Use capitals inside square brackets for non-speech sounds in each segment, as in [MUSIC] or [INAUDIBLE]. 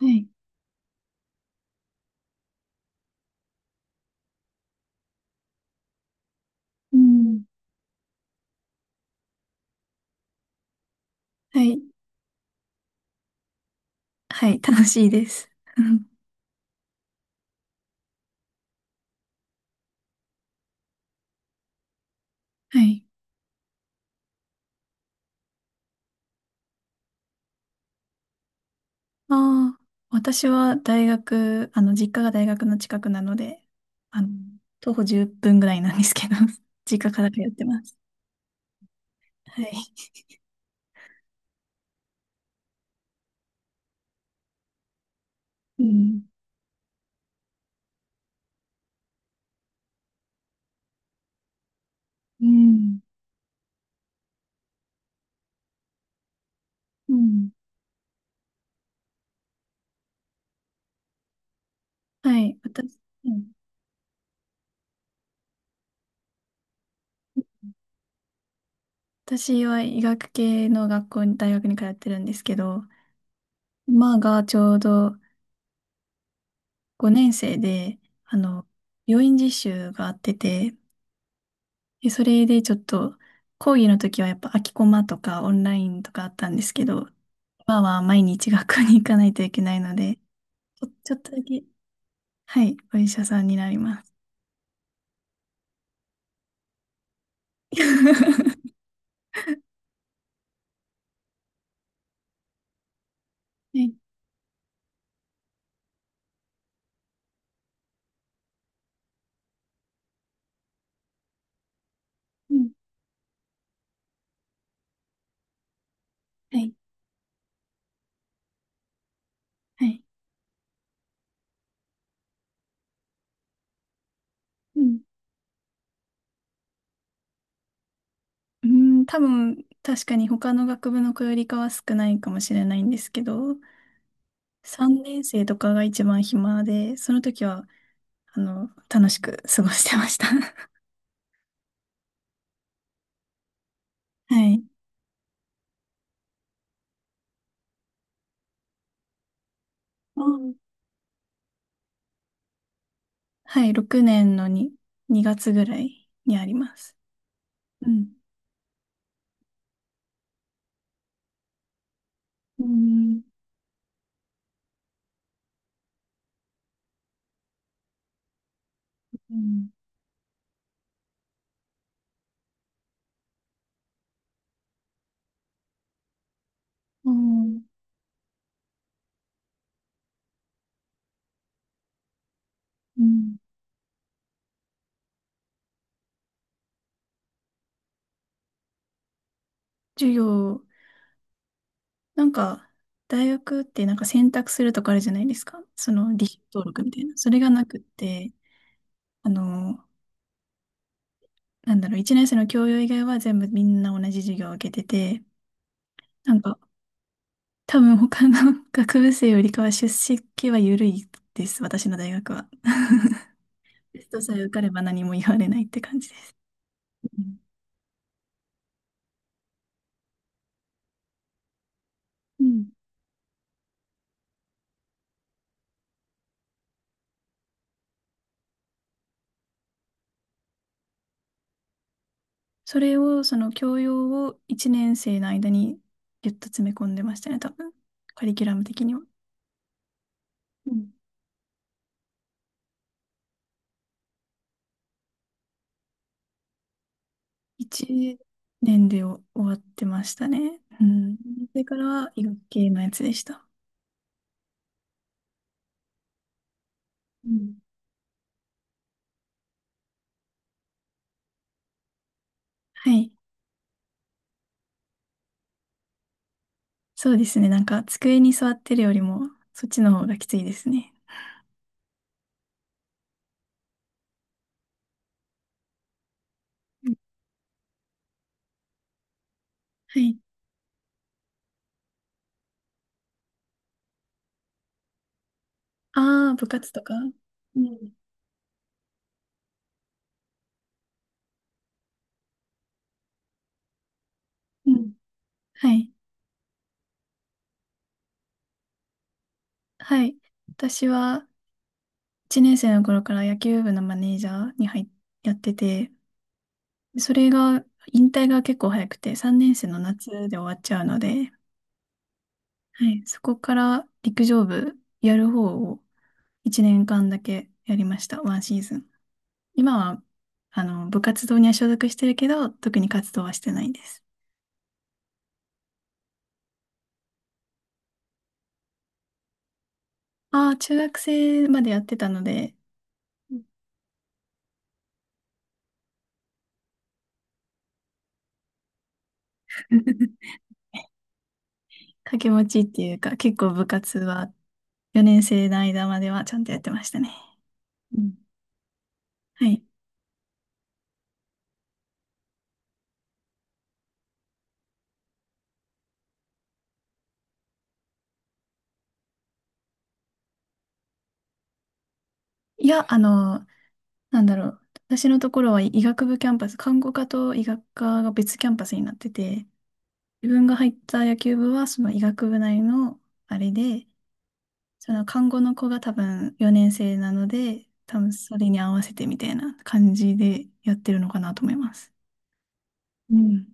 はい。うん。はい。はい。楽しいです。[LAUGHS] うん。はい。ああ、私は大学、実家が大学の近くなので、あの、徒歩10分ぐらいなんですけど、[LAUGHS] 実家から通ってます。はい。うん。うん。うん。はい。私、うん私は医学系の学校に、大学に通ってるんですけど、今がちょうど5年生で、あの、病院実習があってて、で、それでちょっと、講義の時はやっぱ空きコマとかオンラインとかあったんですけど、今は毎日学校に行かないといけないので、ちょっとだけ、はい、お医者さんになります。[LAUGHS] はい。うん。はい。はい。うん。うー多分、確かに他の学部の子よりかは少ないかもしれないんですけど、3年生とかが一番暇で、その時は、楽しく過ごしてました。[LAUGHS] はい。うん。はい、6年のに、2月ぐらいにあります。うん。うん、うん、うん、うん。授業、なんか、大学ってなんか選択するとかあるじゃないですか。その、履修登録みたいな。それがなくって、あの、1年生の教養以外は全部みんな同じ授業を受けてて、なんか、多分他の [LAUGHS] 学部生よりかは出席は緩いです、私の大学は。[LAUGHS] テストさえ受かれば何も言われないって感じです。うん。うん。それを、その教養を1年生の間にぎゅっと詰め込んでましたね、多分。カリキュラム的には。うん。1年で終わってましたね。うん。それからは医学系のやつでした。うん。はい。そうですね。なんか、机に座ってるよりも、そっちの方がきついですね。うん。はい。ああ、部活とか。うん。うん。はい。はい。私は、1年生の頃から野球部のマネージャーに入っ、やってて、それが、引退が結構早くて、3年生の夏で終わっちゃうので、はい、そこから陸上部やる方を1年間だけやりました、ワンシーズン。今は、部活動には所属してるけど、特に活動はしてないです。ああ、中学生までやってたので、うん。 [LAUGHS] 掛け持ちっていうか、結構部活は4年生の間まではちゃんとやってましたね。うん。はい。いや、あの、なんだろう。私のところは医学部キャンパス、看護科と医学科が別キャンパスになってて、自分が入った野球部はその医学部内のあれで、その看護の子が多分4年生なので、多分それに合わせてみたいな感じでやってるのかなと思います。うん。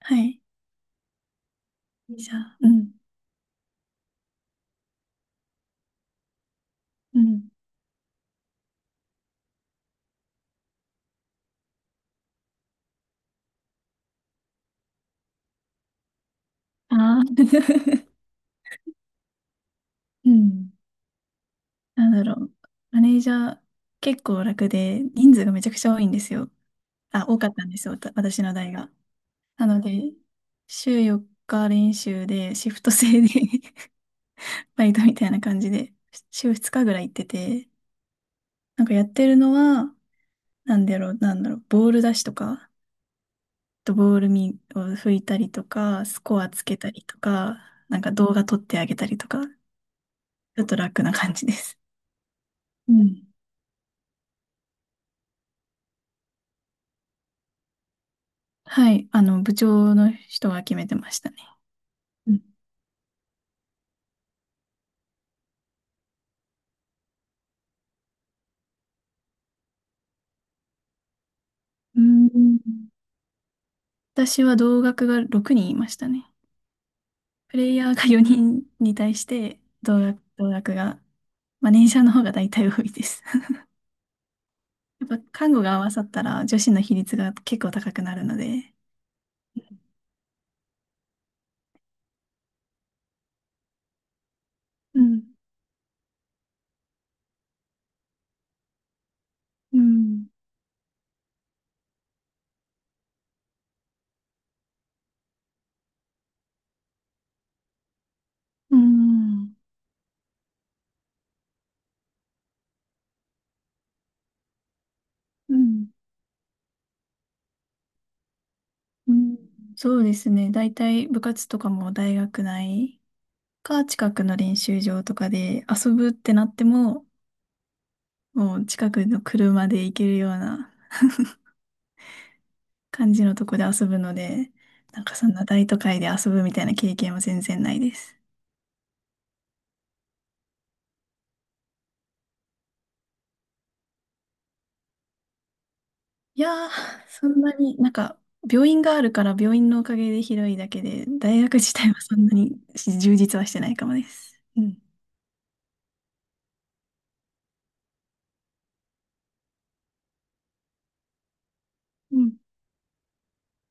はい。じゃあ、うん。うん。ああ。[LAUGHS] うん。なんだろう。マネージャー結構楽で人数がめちゃくちゃ多いんですよ。あ、多かったんですよ。私の代が。なので、週4日練習で、シフト制で [LAUGHS] バイトみたいな感じで、週2日ぐらい行ってて、なんかやってるのは、なんだろう、ボール出しとか、あとボールミを拭いたりとか、スコアつけたりとか、なんか動画撮ってあげたりとか、ちょっと楽な感じです。うん。はい、部長の人が決めてましたね。うん。うん。私は同学が6人いましたね。プレイヤーが4人に対して同額が、まあ、年者の方が大体多いです。[LAUGHS] やっぱ看護が合わさったら女子の比率が結構高くなるので。うん、うん、うん、うん、うん。そうですね。大体部活とかも大学内か近くの練習場とかで遊ぶってなっても、もう近くの車で行けるような感じのとこで遊ぶので、なんかそんな大都会で遊ぶみたいな経験は全然ないです。いやー、そんなに、なんか、病院があるから病院のおかげで広いだけで、大学自体はそんなに充実はしてないかもです。うん。うん。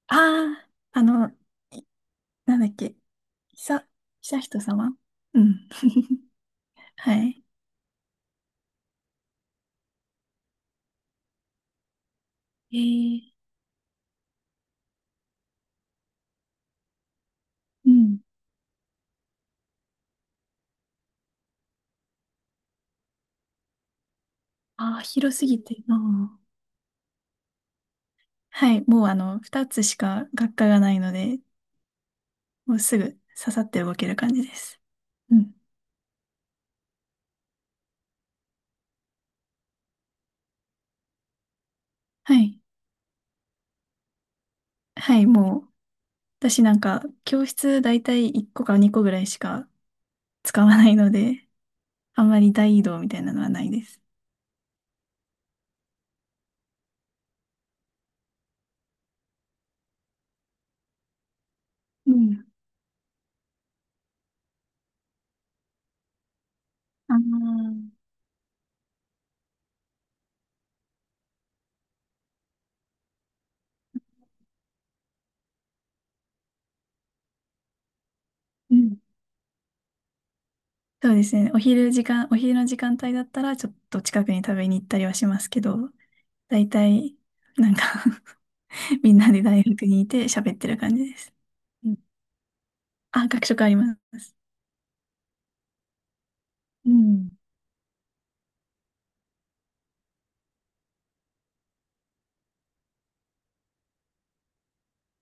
ああ、いなんだっけ、ひさ、ひさひと様。うん。[LAUGHS] はい。えー、うん。ああ、広すぎて、うん。はい。もう、二つしか学科がないので、もうすぐ刺さって動ける感じです。うん。はい。はい、もう、私なんか、教室大体1個か2個ぐらいしか使わないので、[LAUGHS] あんまり大移動みたいなのはないです。うん。ああ、うん。そうですね。お昼の時間帯だったら、ちょっと近くに食べに行ったりはしますけど、大体、なんか [LAUGHS] みんなで大学にいて喋ってる感じです。うん。あ、学食あります。うん。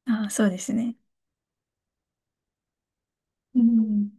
あ、そうですね。うん。